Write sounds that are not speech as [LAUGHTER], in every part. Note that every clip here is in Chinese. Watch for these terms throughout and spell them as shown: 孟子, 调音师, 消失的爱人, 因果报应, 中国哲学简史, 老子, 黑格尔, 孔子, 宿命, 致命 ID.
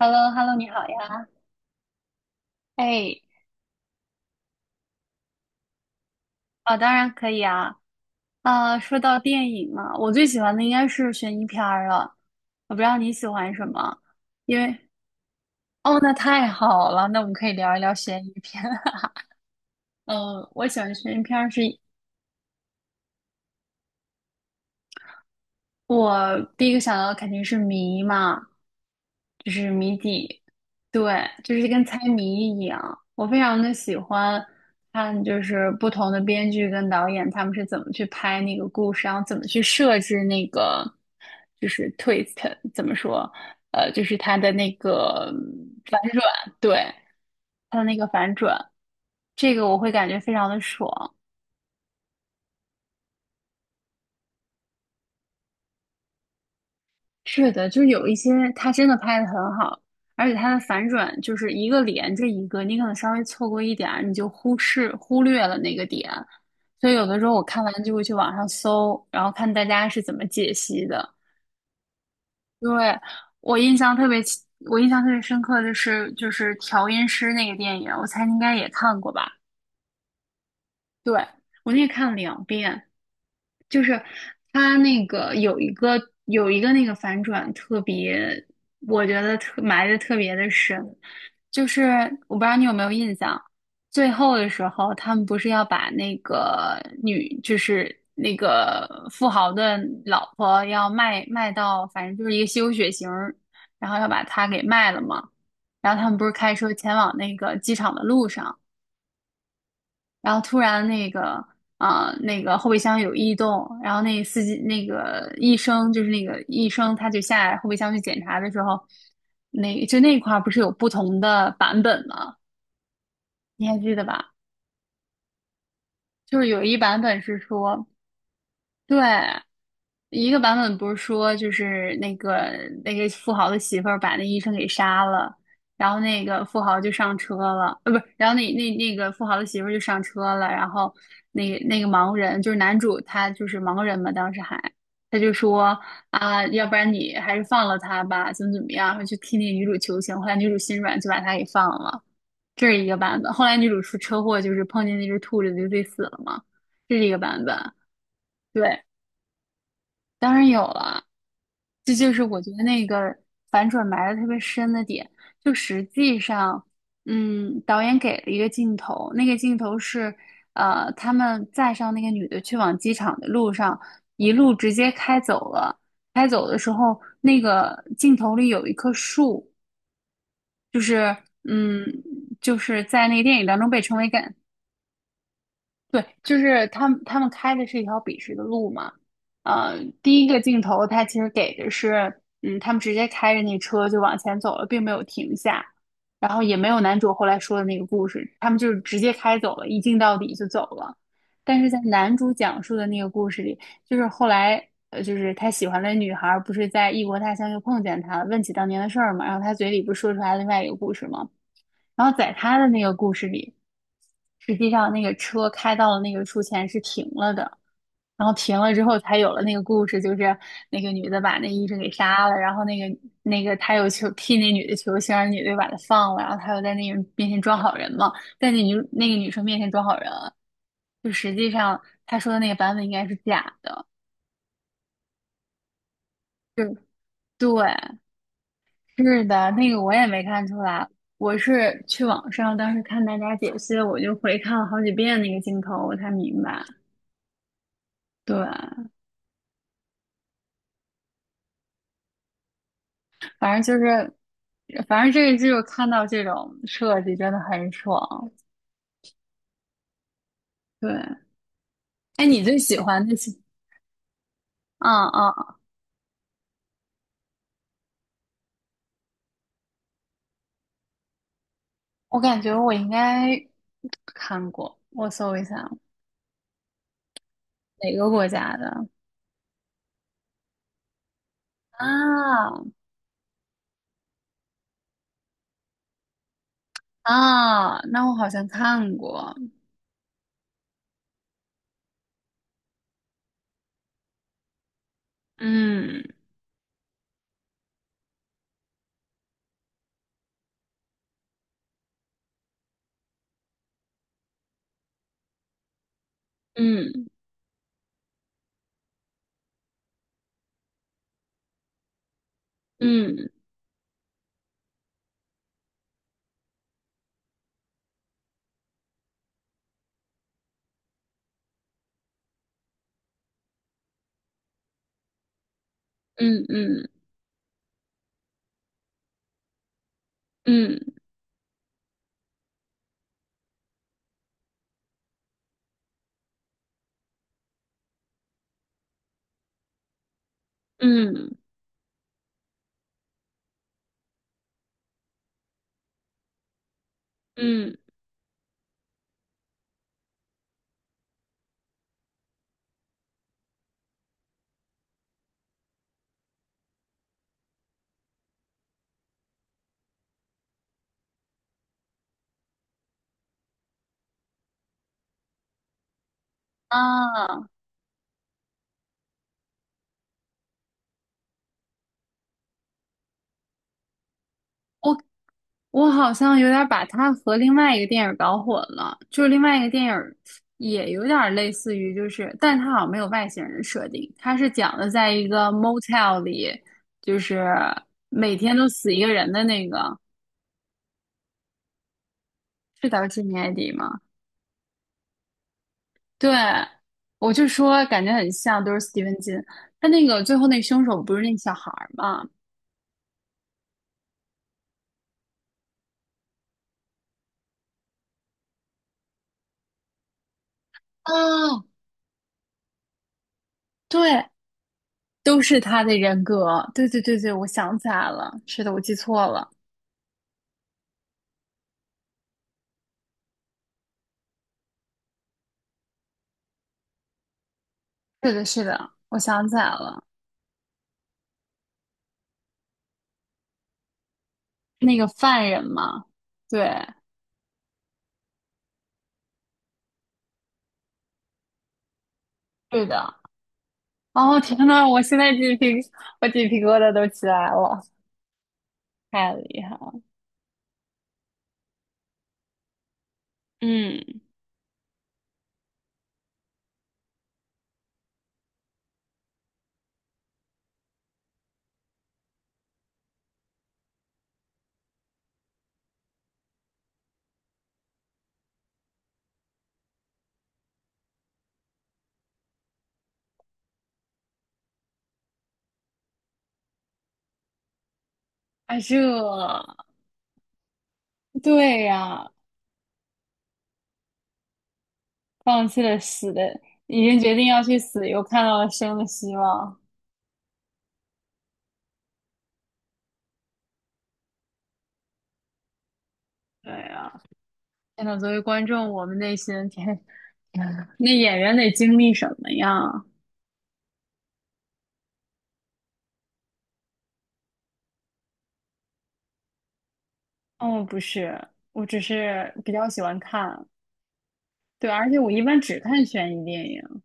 h e l l o h e l l o 你好呀。哎，啊，当然可以啊。啊，说到电影嘛，我最喜欢的应该是悬疑片儿了。我不知道你喜欢什么，因为哦，那太好了，那我们可以聊一聊悬疑片。[LAUGHS] 嗯，我喜欢悬疑片儿是我第一个想到的肯定是谜嘛，就是谜底，对，就是跟猜谜一样。我非常的喜欢看，就是不同的编剧跟导演他们是怎么去拍那个故事，然后怎么去设置那个就是 twist，怎么说，就是他的那个反转，对，他的那个反转，这个我会感觉非常的爽。是的，就是有一些他真的拍的很好，而且它的反转就是一个连着一个，你可能稍微错过一点儿，你就忽视忽略了那个点，所以有的时候我看完就会去网上搜，然后看大家是怎么解析的。对，我印象特别清我印象特别深刻的是就是调音师那个电影，我猜你应该也看过吧？对，我那个看了两遍，就是他那个有一个那个反转特别，我觉得特埋的特别的深，就是我不知道你有没有印象，最后的时候他们不是要把那个女就是那个富豪的老婆要卖到，反正就是一个吸血型儿然后要把她给卖了嘛，然后他们不是开车前往那个机场的路上。然后突然那个那个后备箱有异动，然后那个医生他就下来后备箱去检查的时候，那就那块儿不是有不同的版本吗？你还记得吧？就是有一版本是说。对，一个版本不是说就是那个那个富豪的媳妇儿把那医生给杀了，然后那个富豪就上车了，不是，然后那个富豪的媳妇儿就上车了，然后那个盲人就是男主他就是盲人嘛，当时还他就说啊，要不然你还是放了他吧，怎么怎么样，然后就替那个女主求情，后来女主心软就把他给放了，这是一个版本。后来女主出车祸就是碰见那只兔子就自己死了嘛，这是一个版本。对，当然有了，这就是我觉得那个反转埋的特别深的点。就实际上，嗯，导演给了一个镜头，那个镜头是，他们载上那个女的去往机场的路上，一路直接开走了。开走的时候，那个镜头里有一棵树，就是，嗯，就是在那个电影当中被称为感，对，就是他们开的是一条笔直的路嘛。呃，第一个镜头他其实给的是，嗯，他们直接开着那车就往前走了，并没有停下，然后也没有男主后来说的那个故事，他们就是直接开走了，一镜到底就走了。但是在男主讲述的那个故事里，就是后来，就是他喜欢的女孩儿不是在异国他乡又碰见他了，问起当年的事儿嘛，然后他嘴里不是说出来另外一个故事吗？然后在他的那个故事里，实际上那个车开到了那个树前是停了的，然后停了之后才有了那个故事，就是那个女的把那医生给杀了，然后那个他又求替那女的求情，让那女的又把他放了，然后他又在那个面前装好人嘛，在那女那个女生面前装好人，就实际上他说的那个版本应该是假的，对。是的，那个我也没看出来，我是去网上当时看大家解析，我就回看了好几遍那个镜头，我才明白。对，反正就是，反正这个剧我看到这种设计真的很爽。对，哎，你最喜欢的是？啊！嗯，我感觉我应该看过，我搜一下哪个国家的啊啊，那我好像看过，嗯嗯嗯嗯嗯嗯嗯。嗯嗯，啊，我我好像有点儿把它和另外一个电影儿搞混了，就是另外一个电影儿也有点儿类似于，就是但它好像没有外星人的设定，它是讲的在一个 motel 里，就是每天都死一个人的那个，是叫《致命 ID》吗？对，我就说感觉很像，都是斯蒂芬金。他那个最后那凶手不是那小孩儿吗？啊，对，都是他的人格。对对对对，我想起来了，是的，我记错了，是的，是的，我想起来了，那个犯人嘛，对，对的。哦，天呐，我现在鸡皮，我鸡皮疙瘩都起来了，太厉害了。嗯，啊，这，对呀，放弃了死的，已经决定要去死，又看到了生的希望。对呀，天呐，作为观众，我们内心天，[LAUGHS] 那演员得经历什么呀？哦，不是，我只是比较喜欢看，对，而且我一般只看悬疑电影，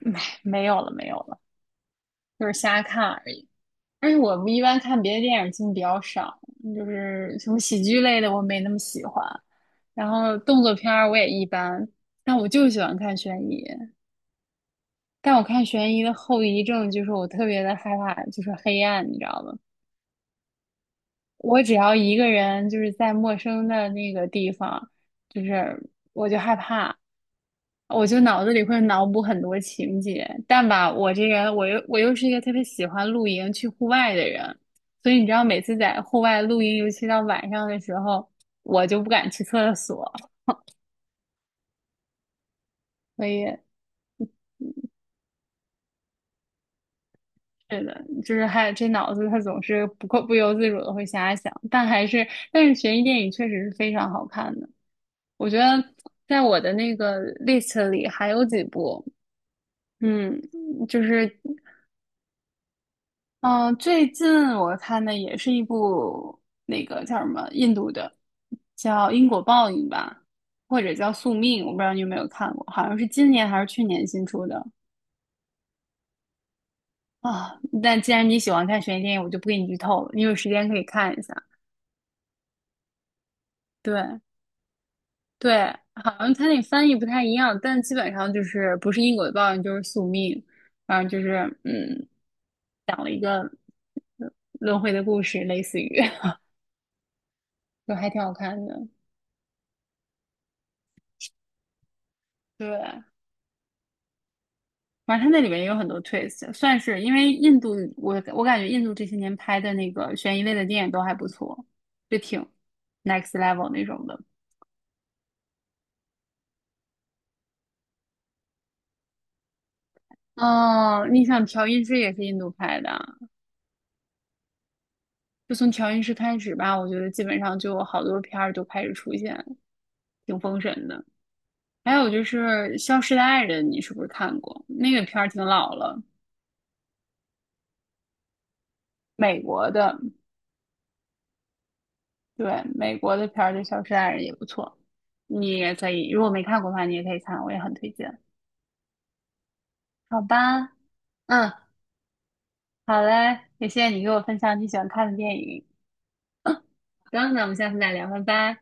没有了，没有了，就是瞎看而已。而且我一般看别的电影进比较少，就是什么喜剧类的我没那么喜欢，然后动作片儿我也一般，但我就喜欢看悬疑。但我看悬疑的后遗症就是我特别的害怕，就是黑暗，你知道吗？我只要一个人就是在陌生的那个地方，就是我就害怕，我就脑子里会脑补很多情节，但吧，我这个我又是一个特别喜欢露营去户外的人，所以你知道，每次在户外露营，尤其到晚上的时候，我就不敢去厕所，所以是的，就是还有这脑子它总是不由自主的会瞎想，但是悬疑电影确实是非常好看的，我觉得在我的那个 list 里还有几部，嗯，就是嗯，最近我看的也是一部那个叫什么印度的，叫《因果报应》吧，或者叫《宿命》，我不知道你有没有看过，好像是今年还是去年新出的啊。但既然你喜欢看悬疑电影，我就不给你剧透了，你有时间可以看一下。对对，好像它那翻译不太一样，但基本上就是不是因果的报应就是宿命，反正就是嗯轮回的故事，类似于 [LAUGHS] 就还挺好看的。对，反正它那里面也有很多 twist，算是因为印度，我感觉印度这些年拍的那个悬疑类的电影都还不错，就挺 next level 那种的。哦，你想调音师也是印度拍的啊就从调音师开始吧，我觉得基本上就有好多片儿就开始出现，挺封神的。还有就是《消失的爱人》，你是不是看过？那个片儿挺老了，美国的，对，美国的片儿的《消失的爱人》也不错，你也可以，如果没看过的话，你也可以看，我也很推荐。好吧，嗯，好嘞，也谢谢你给我分享你喜欢看的电影。行，那我们下次再聊，拜拜。